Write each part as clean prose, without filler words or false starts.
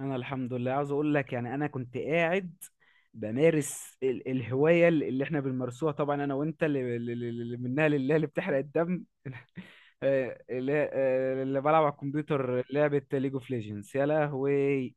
انا الحمد لله، عاوز اقول لك، يعني انا كنت قاعد بمارس الهوايه اللي احنا بنمارسوها، طبعا انا وانت، اللي منها لله، اللي بتحرق الدم. اللي بلعب على الكمبيوتر لعبه ليج اوف ليجندز، يا لهوي.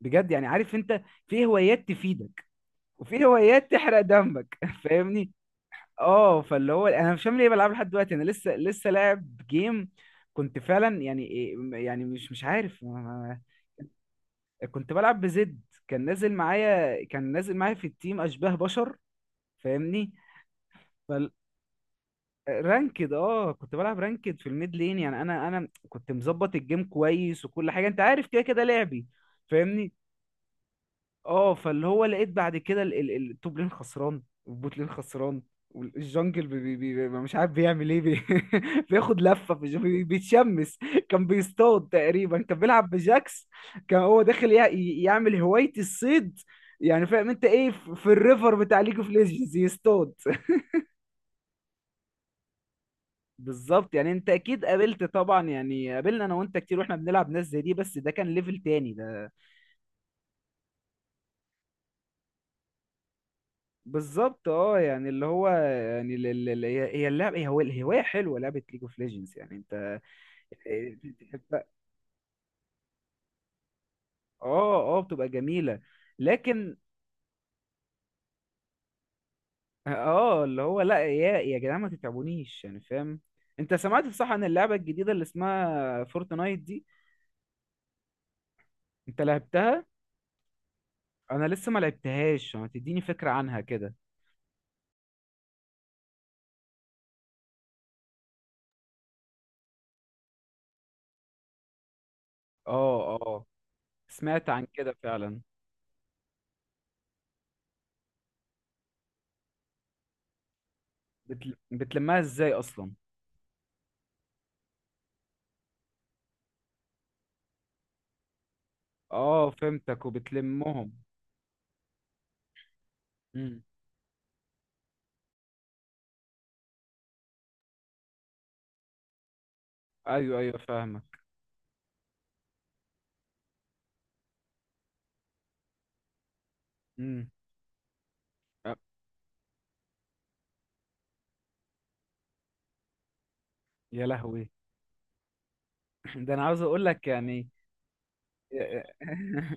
بجد، يعني عارف انت، في هوايات تفيدك وفي هوايات تحرق دمك، فاهمني. اه، فاللي هو انا مش فاهم ليه بلعب لحد دلوقتي، انا لسه لاعب جيم. كنت فعلا يعني يعني مش عارف. كنت بلعب بزد، كان نازل معايا في التيم اشباه بشر، فاهمني. فال رانكد، اه كنت بلعب رانكد في الميد لين، يعني انا كنت مظبط الجيم كويس وكل حاجه، انت عارف كده كده لعبي، فاهمني. اه، فاللي هو لقيت بعد كده التوب لين خسران، والبوت لين خسران، والجنجل مش عارف بيعمل ايه بي. بياخد لفه في بيتشمس، كان بيصطاد تقريبا، كان بيلعب بجاكس، كان هو داخل يعمل هوايه الصيد، يعني فاهم انت ايه، في الريفر بتاع ليج اوف ليجندز يصطاد. بالظبط، يعني انت اكيد قابلت، طبعا يعني قابلنا انا وانت كتير واحنا بنلعب ناس زي دي، بس ده كان ليفل تاني ده. بالظبط، اه يعني اللي هو يعني هي اللعبه، هي هو الهوايه حلوه، لعبه ليج اوف ليجندز يعني انت، بتحبها. اه، اه، بتبقى جميله. لكن. اه، اللي هو لا، يا جدعان ما تتعبونيش يعني، فاهم. انت سمعت صح عن اللعبه الجديده اللي اسمها فورتنايت دي؟ انت لعبتها؟ انا لسه ما لعبتهاش، ما تديني فكره عنها كده. اه، اه، سمعت عن كده فعلا. بتلمها ازاي اصلا؟ اه فهمتك، وبتلمهم. امم. ايوه، ايوه، فاهمك. امم. أ- يا لهوي. ده انا عاوز اقول لك يعني. يا-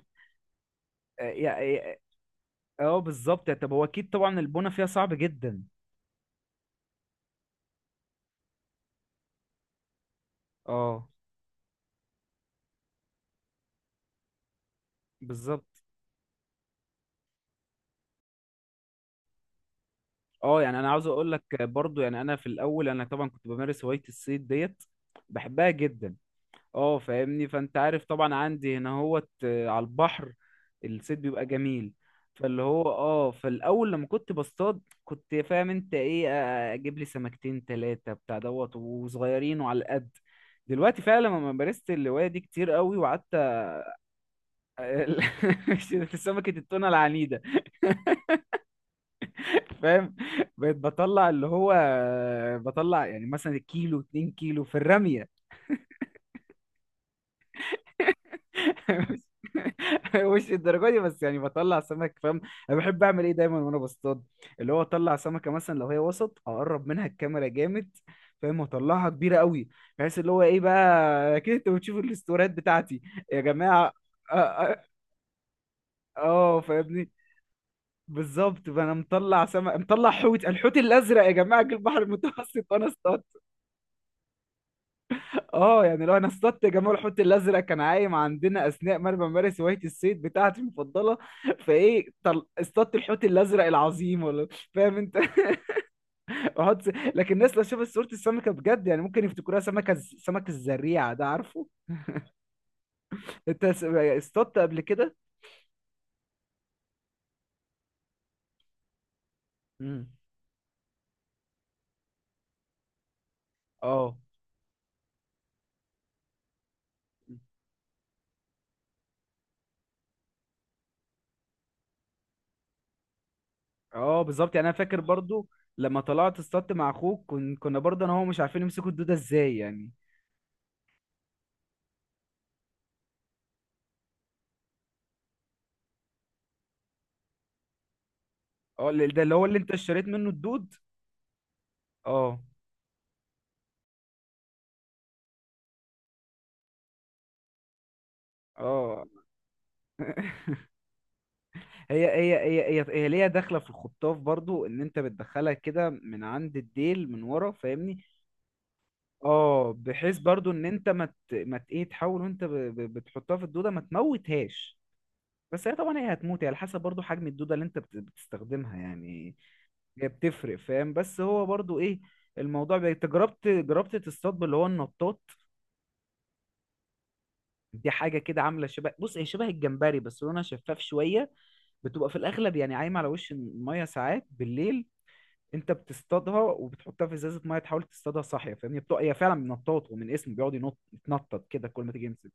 يا- اه بالظبط، طب هو اكيد طبعا البونه فيها صعب جدا. اه بالظبط. اه، يعني انا عاوز اقول لك برضو، يعني انا في الاول انا طبعا كنت بمارس هوايه الصيد ديت، بحبها جدا. اه، فاهمني، فانت عارف طبعا عندي هنا هوت على البحر، الصيد بيبقى جميل. فاللي هو اه، فالاول لما كنت بصطاد كنت فاهم انت ايه، اجيب لي سمكتين تلاتة بتاع دوت وصغيرين وعلى القد. دلوقتي فعلا لما مارست الهواية دي كتير قوي وقعدت سمكة التونة العنيدة، فاهم. بقيت بطلع اللي هو بطلع يعني مثلا الكيلو 2 كيلو في الرمية. مش الدرجه دي بس، يعني بطلع سمك، فاهم. انا بحب اعمل ايه دايما وانا بصطاد؟ اللي هو اطلع سمكه مثلا لو هي وسط، اقرب منها الكاميرا جامد، فاهم، واطلعها كبيره قوي. بحيث اللي هو ايه بقى، اكيد انتوا بتشوفوا الاستوريات بتاعتي، يا جماعه. اه آه، فاهمني، بالظبط. فانا مطلع سمك، مطلع حوت، الحوت الازرق يا جماعه جه البحر المتوسط وانا اصطاد. اه، يعني لو انا اصطدت يا جماعه الحوت الازرق كان عايم عندنا اثناء ما انا بمارس هوايه الصيد بتاعتي المفضله، فايه، اصطدت الحوت الازرق العظيم ولا، فاهم انت؟ احط. لكن الناس لو شافت صوره السمكه بجد، يعني ممكن يفتكروها سمكه سمك الزريعه ده، عارفه. انت اصطدت قبل كده؟ مم. اه، اه، بالظبط. يعني انا فاكر برضو لما طلعت اصطدت مع اخوك، كنا برضو انا وهو مش عارفين يمسكوا الدوده ازاي يعني. اه، ده اللي هو اللي انت اشتريت منه الدود. اه. اه. هي ليها داخله في الخطاف، برضو ان انت بتدخلها كده من عند الديل من ورا، فاهمني. اه، بحيث برضو ان انت ما مت... ما مت... ايه تحاول وانت بتحطها في الدوده ما تموتهاش. بس هي طبعا هي هتموت، هي على حسب برضو حجم الدوده اللي انت بتستخدمها يعني، هي بتفرق، فاهم. بس هو برضو ايه، الموضوع انت جربت تصطاد باللي هو النطاط؟ دي حاجه كده عامله شبه، بص هي شبه الجمبري بس لونها شفاف شويه، بتبقى في الاغلب يعني عايمه على وش الميه ساعات بالليل. انت بتصطادها وبتحطها في ازازه ميه، تحاول تصطادها صاحيه، فاهمني، هي فعلا بنطاط، ومن اسمه بيقعد ينط يتنطط كده كل ما تيجي يمسك.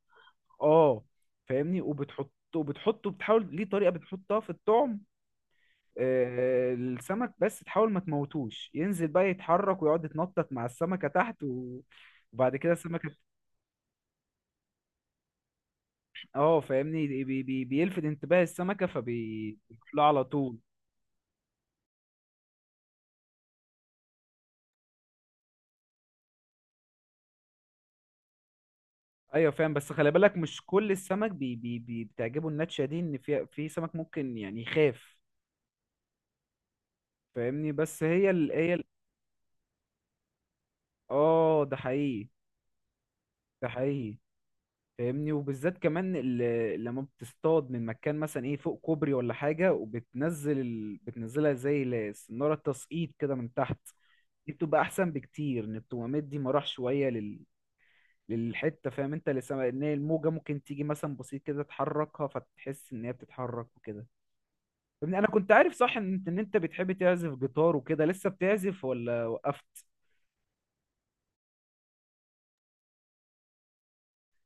اه، فاهمني، وبتحطه، بتحاول ليه طريقه، بتحطها في الطعم، السمك، بس تحاول ما تموتوش، ينزل بقى يتحرك ويقعد يتنطط مع السمكه تحت، وبعد كده السمكه، اه فاهمني، بيلفت انتباه السمكه، فبيروح لها على طول. ايوه فاهم، بس خلي بالك مش كل السمك بي بي بي بتعجبه النتشه دي، ان في سمك ممكن يعني يخاف. فاهمني، بس هي ال هي ال اه، ده حقيقي. ده حقيقي، فاهمني. وبالذات كمان لما بتصطاد من مكان مثلا ايه فوق كوبري ولا حاجة، وبتنزل بتنزلها زي السنارة التسقيط كده من تحت، دي بتبقى احسن بكتير، ان التومات دي مراح شوية للحتة، فاهم انت اللي ان هي الموجة ممكن تيجي مثلا بسيط كده تحركها، فتحس ان هي بتتحرك وكده، فاهمني. انا كنت عارف صح ان انت إنت بتحب تعزف جيتار وكده، لسه بتعزف ولا وقفت؟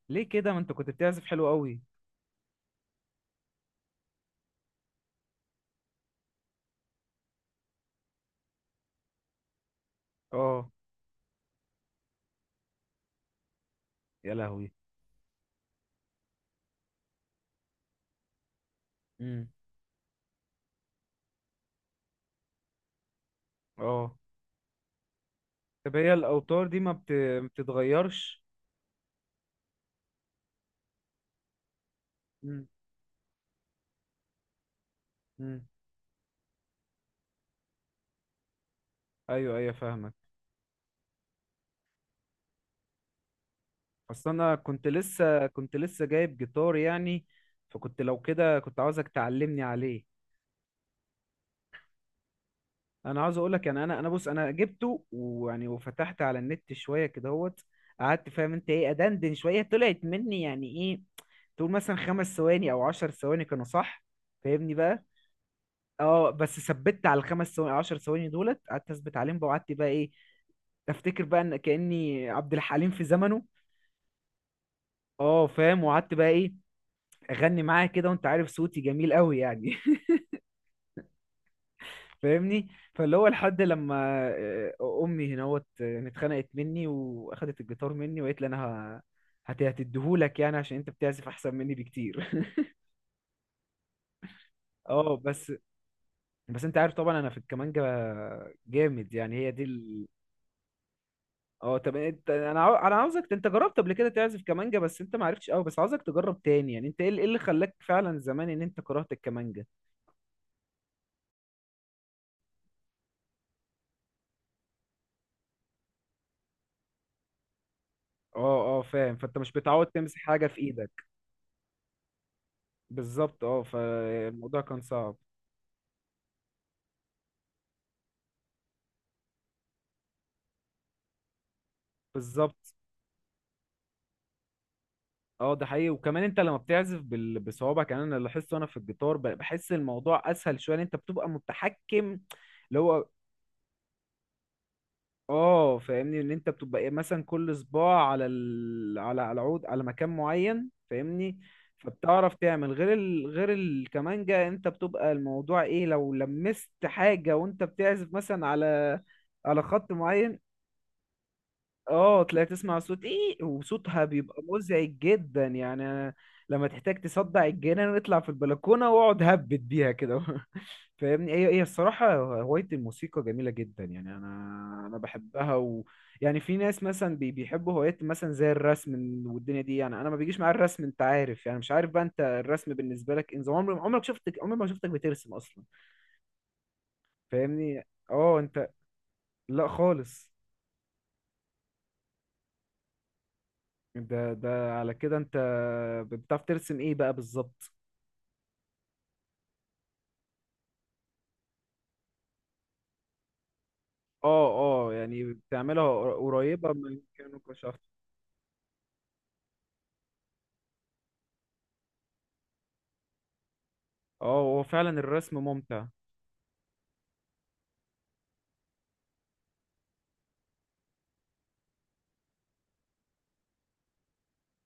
ليه كده، ما انت كنت بتعزف حلو قوي. اه، يا لهوي. امم. اه طب هي الاوتار دي ما بتتغيرش؟ امم. امم. ايوه، ايوه، فاهمك. اصل انا كنت لسه، جايب جيتار يعني، فكنت لو كده كنت عاوزك تعلمني عليه. انا عاوز اقولك يعني، انا بص، انا جبته ويعني، وفتحت على النت شويه كده اهوت، قعدت فاهم انت ايه ادندن شويه، طلعت مني يعني ايه، تقول مثلا 5 ثواني او 10 ثواني كانوا صح، فاهمني بقى. اه، بس ثبت على الخمس ثواني 10 ثواني دولت، قعدت اثبت عليهم بقى، وقعدت بقى ايه، افتكر بقى ان كاني عبد الحليم في زمنه. اه، فاهم، وقعدت بقى ايه، اغني معاه كده، وانت عارف صوتي جميل قوي يعني. فاهمني، فاللي هو لحد لما امي هناوت اتخنقت مني واخدت الجيتار مني، وقالت لي انا هتديهولك، يعني عشان انت بتعزف احسن مني بكتير. اه بس انت عارف طبعا انا في الكمانجة جامد، يعني هي دي. اه، طب انت، انا عاوزك، انت جربت قبل كده تعزف كمانجا بس انت ما عرفتش قوي، بس عاوزك تجرب تاني، يعني انت ايه اللي خلاك فعلا زمان ان انت كرهت الكمانجا؟ اه، اه، فاهم، فانت مش متعود تمسك حاجه في ايدك. بالظبط، اه، فالموضوع كان صعب. بالظبط، اه، ده حقيقي. وكمان انت لما بتعزف بصوابعك، يعني انا لاحظت وانا في الجيتار، بحس الموضوع اسهل شويه، لأن انت بتبقى متحكم. اللي هو اه، فاهمني، ان انت بتبقى ايه، مثلا كل صباع على على عود، على مكان معين، فاهمني، فبتعرف تعمل غير غير الكمانجة، انت بتبقى الموضوع ايه، لو لمست حاجة وانت بتعزف مثلا على، على خط معين، اه تلاقي، تسمع صوت ايه، وصوتها بيبقى مزعج جدا يعني أنا. لما تحتاج تصدع الجنان اطلع في البلكونه واقعد هبت بيها كده. فاهمني، هي الصراحه هوايه الموسيقى جميله جدا، يعني انا بحبها. و يعني في ناس مثلا بيحبوا هوايات مثلا زي الرسم والدنيا دي، يعني انا ما بيجيش معايا الرسم، انت عارف يعني، مش عارف بقى انت الرسم بالنسبه لك، انت عمري ما شفتك بترسم اصلا، فاهمني. اه انت. لا خالص. ده على كده انت بتعرف ترسم ايه بقى بالظبط؟ اه، اه، يعني بتعملها قريبة من كانوا شخص. اه، هو فعلا الرسم ممتع.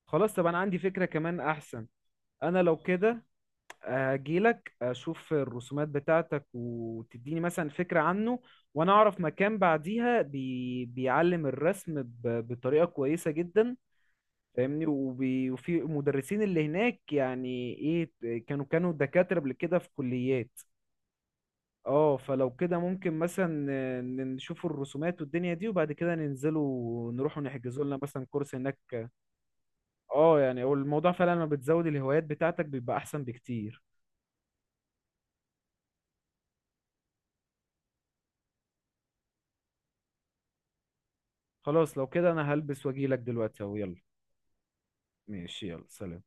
خلاص، طب انا عندي فكرة كمان احسن، انا لو كده هجيلك اشوف الرسومات بتاعتك، وتديني مثلا فكرة عنه، وانا اعرف مكان بعديها بيعلم الرسم بطريقة كويسة جدا، فاهمني، وفي مدرسين اللي هناك يعني، ايه، كانوا دكاترة قبل كده في كليات. اه، فلو كده ممكن مثلا نشوف الرسومات والدنيا دي، وبعد كده ننزلوا ونروحوا نحجزوا لنا مثلا كورس هناك. اه، يعني هو الموضوع فعلا لما بتزود الهوايات بتاعتك بيبقى احسن بكتير. خلاص لو كده انا هلبس واجيلك دلوقتي اهو، يلا. ماشي، يلا، سلام.